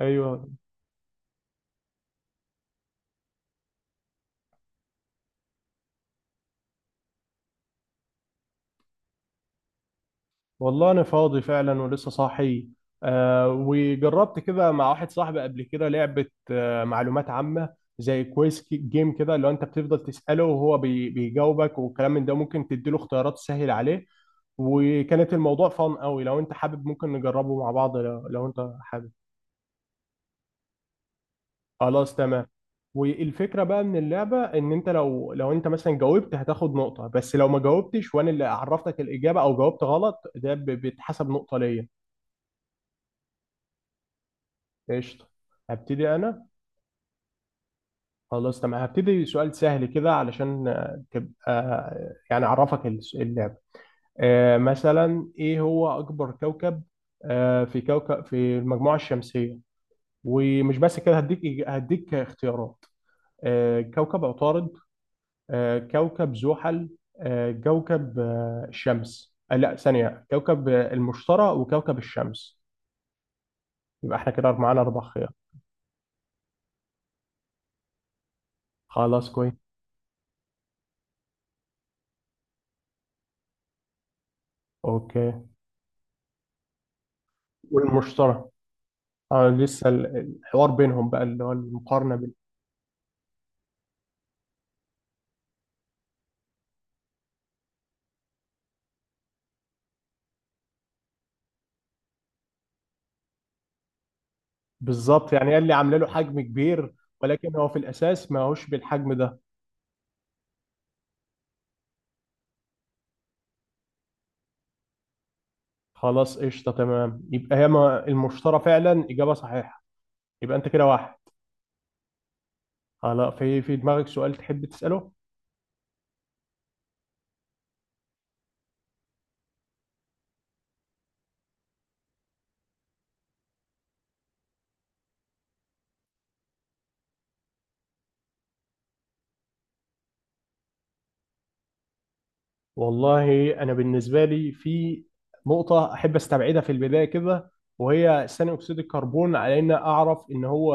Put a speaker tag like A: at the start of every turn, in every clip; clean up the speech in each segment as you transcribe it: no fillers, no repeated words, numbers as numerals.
A: ايوه. والله انا فاضي فعلا ولسه صاحي. وجربت كده مع واحد صاحبي قبل كده لعبه. معلومات عامه، زي كويس جيم كده، اللي هو انت بتفضل تساله وهو بيجاوبك، والكلام من ده ممكن تديله اختيارات تسهل عليه. وكانت الموضوع فان قوي. لو انت حابب ممكن نجربه مع بعض، لو انت حابب. خلاص تمام. والفكره بقى من اللعبه ان انت، لو انت مثلا جاوبت هتاخد نقطه، بس لو ما جاوبتش وانا اللي عرفتك الاجابه او جاوبت غلط، ده بيتحسب نقطه ليا. قشطة، هبتدي أنا. خلاص تمام، هبتدي سؤال سهل كده علشان تبقى، يعني أعرفك اللعبة. مثلا إيه هو أكبر كوكب، آه، في كوكب في المجموعة الشمسية؟ ومش بس كده، هديك اختيارات. كوكب عطارد، كوكب زحل، آه، كوكب آه، الشمس. لا، ثانية، كوكب المشتري وكوكب الشمس. يبقى احنا كده معانا 4 خيارات. خلاص، كويس. أوكي. والمشتري. اه، لسه الحوار بينهم بقى، اللي هو المقارنه بالظبط. يعني قال لي عامله له حجم كبير، ولكن هو في الاساس ما هوش بالحجم ده. خلاص، قشطه تمام، يبقى هي المشترى فعلا اجابه صحيحه. يبقى انت كده واحد. خلاص، في دماغك سؤال تحب تساله؟ والله انا بالنسبه لي في نقطه احب استبعدها في البدايه كده، وهي ثاني اكسيد الكربون، على ان اعرف ان هو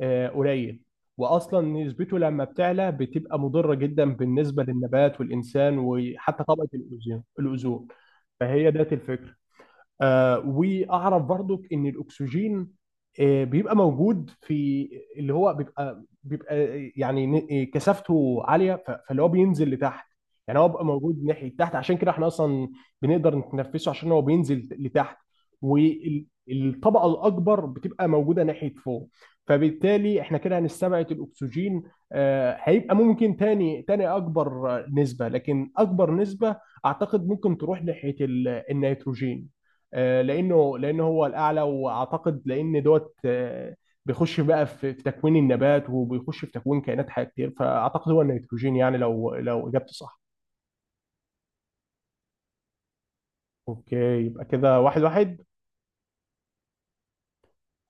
A: قليل، واصلا نسبته لما بتعلى بتبقى مضره جدا بالنسبه للنبات والانسان، وحتى طبقه الاوزون. فهي ذات الفكره. آه، واعرف برضك ان الاكسجين آه بيبقى موجود في اللي هو بيبقى، يعني كثافته عاليه، فاللي هو بينزل لتحت. يعني هو بيبقى موجود ناحيه تحت، عشان كده احنا اصلا بنقدر نتنفسه، عشان هو بينزل لتحت، والطبقه الاكبر بتبقى موجوده ناحيه فوق. فبالتالي احنا كده هنستبعد الاكسجين. هيبقى ممكن تاني اكبر نسبه. لكن اكبر نسبه اعتقد ممكن تروح ناحيه النيتروجين، لانه هو الاعلى، واعتقد لان دوت، بيخش بقى في تكوين النبات وبيخش في تكوين كائنات حيه كتير، فاعتقد هو النيتروجين، يعني لو اجابتي صح. اوكي. يبقى كده 1-1.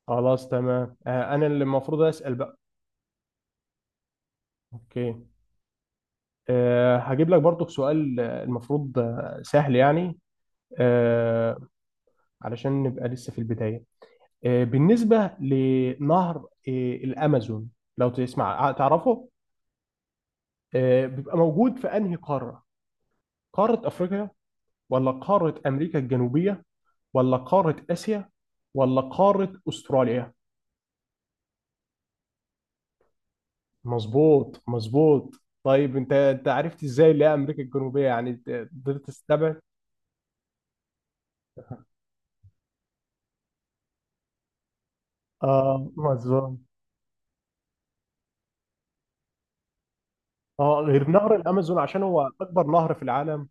A: خلاص تمام، انا اللي المفروض اسال بقى. اوكي. هجيب لك برضو سؤال المفروض سهل يعني، آه، علشان نبقى لسه في البدايه. بالنسبه لنهر الامازون، لو تسمع تعرفه، بيبقى موجود في انهي قاره؟ قارة أفريقيا، ولا قارة أمريكا الجنوبية، ولا قارة آسيا، ولا قارة أستراليا؟ مظبوط، مظبوط. طيب أنت عرفت إزاي اللي هي أمريكا الجنوبية؟ يعني أنت قدرت تستبعد. آه، مظبوط. آه، غير نهر الأمازون عشان هو أكبر نهر في العالم.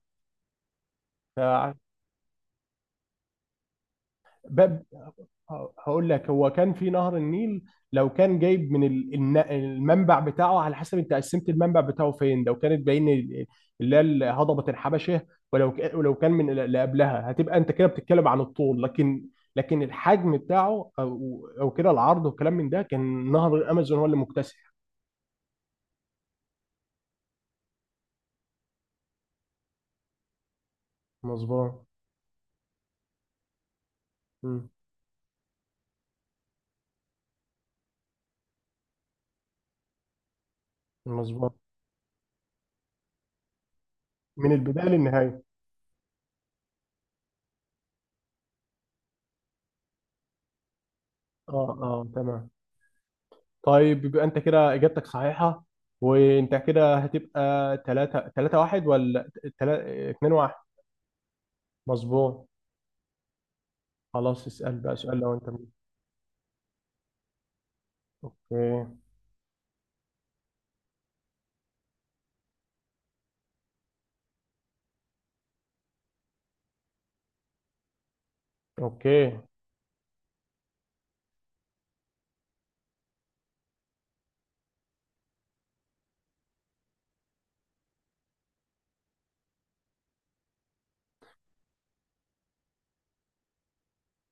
A: ف- ب- هقول لك، هو كان في نهر النيل. لو كان جايب من المنبع بتاعه، على حسب انت قسمت المنبع بتاعه فين، لو كانت بين اللي هي هضبة الحبشة، ولو ولو كان من اللي قبلها، هتبقى انت كده بتتكلم عن الطول. لكن لكن الحجم بتاعه، او كده العرض والكلام من ده، كان نهر الامازون هو اللي مكتسح. مظبوط. مم. مظبوط، من البداية للنهاية. اه، اه، تمام. طيب يبقى انت كده اجابتك صحيحه، وانت كده هتبقى 3 1 ولا 3 2 1. مظبوط. خلاص، اسال بقى سؤال لو انت. اوكي. اوكي.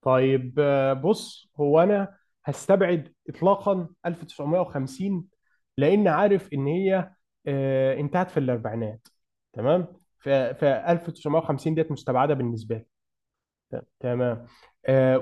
A: طيب، بص، هو انا هستبعد اطلاقا 1950، لان عارف ان هي انتهت في الاربعينات. تمام. ف 1950 ديت مستبعده بالنسبه لي. تمام. آه،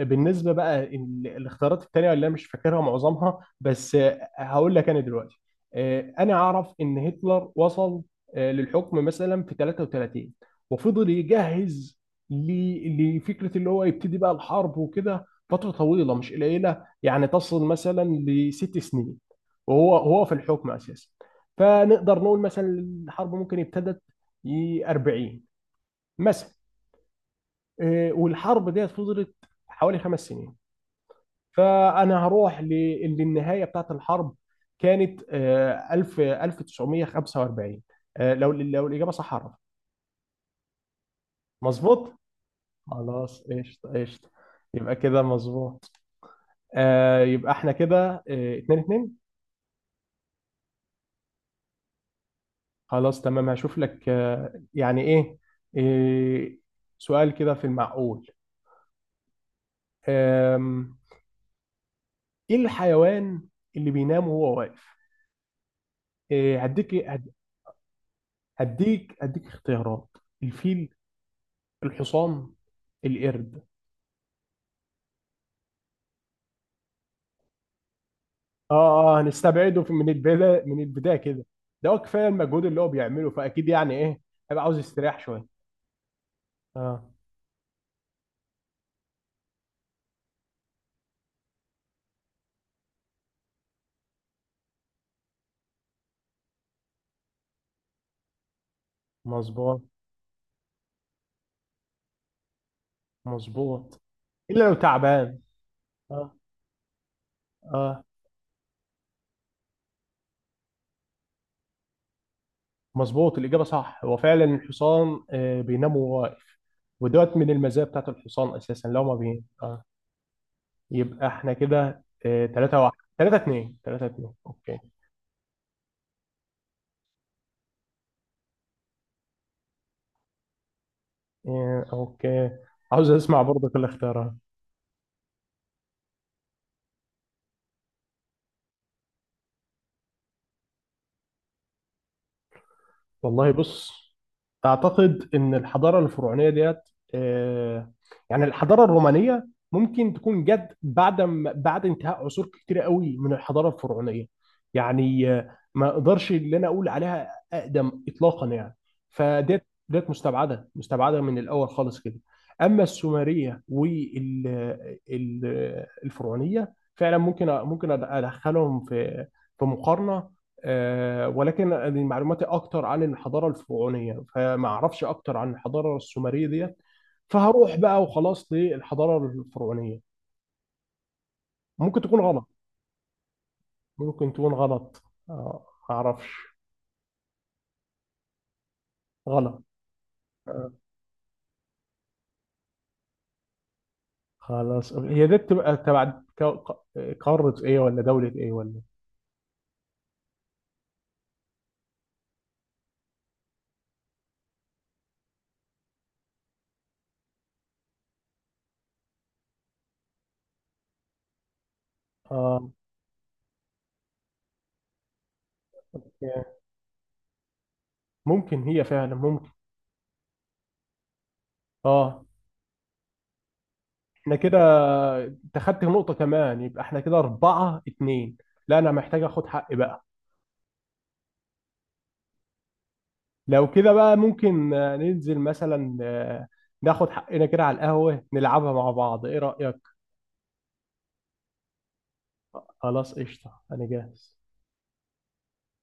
A: وبالنسبه بقى الاختيارات التانيه اللي انا مش فاكرها معظمها، بس آه هقول لك انا دلوقتي، آه انا اعرف ان هتلر وصل آه للحكم مثلا في 33، وفضل يجهز لفكره اللي هو يبتدي بقى الحرب وكده، فتره طويله مش قليله يعني، تصل مثلا 6 سنين وهو في الحكم اساسا. فنقدر نقول مثلا الحرب ممكن ابتدت 40 مثلا. إيه، والحرب ديت فضلت حوالي 5 سنين. فانا هروح للنهايه بتاعت الحرب، كانت آه، 1000 1945. لو الاجابه صح، عرف. مظبوط. خلاص، قشطه قشطه. يبقى كده مظبوط. يبقى احنا كده 2-2. خلاص تمام، هشوف لك يعني ايه، إيه، سؤال كده في المعقول. آم، ايه الحيوان اللي بينام وهو واقف؟ إيه، هديك هديك اختيارات: الفيل، الحصان، القرد. اه، اه، هنستبعده من البدايه، كده. ده هو كفايه المجهود اللي هو بيعمله، فاكيد يعني ايه، هيبقى عاوز يستريح شويه. اه. مظبوط، مظبوط، الا لو تعبان. اه، اه. مظبوط، الاجابه صح، هو فعلا الحصان آه بينام وهو واقف. ودوت من المزايا بتاعت الحصان اساسا، لو ما بين اه. يبقى احنا كده آه 3 1. 3 2. 3 2. اوكي. اوكي، عاوز اسمع برضك الاختيارات. والله، بص، أعتقد إن الحضارة الفرعونية ديت، آه، يعني الحضارة الرومانية ممكن تكون جت بعد بعد انتهاء عصور كتيرة قوي من الحضارة الفرعونية، يعني ما أقدرش اللي أنا أقول عليها أقدم إطلاقا يعني. فديت مستبعدة من الأول خالص كده. أما السومرية والفرعونية فعلا ممكن، ممكن أدخلهم في في مقارنة. ولكن أنا معلوماتي اكتر عن الحضاره الفرعونيه، فما اعرفش اكتر عن الحضاره السومريه ديت. فهروح بقى وخلاص للحضاره الفرعونيه. ممكن تكون غلط. ممكن تكون غلط. ما اعرفش. غلط. آه، خلاص. هي دي بتبقى تبع ك- ق- قاره ايه ولا دوله ايه ولا؟ اه، ممكن، هي فعلا ممكن. اه. احنا كده، انت خدت نقطه كمان، يبقى احنا كده 4-2. لا، انا محتاج اخد حقي بقى. لو كده بقى ممكن ننزل مثلا ناخد حقنا كده على القهوة، نلعبها مع بعض، ايه رأيك؟ خلاص قشطة، انا جاهز.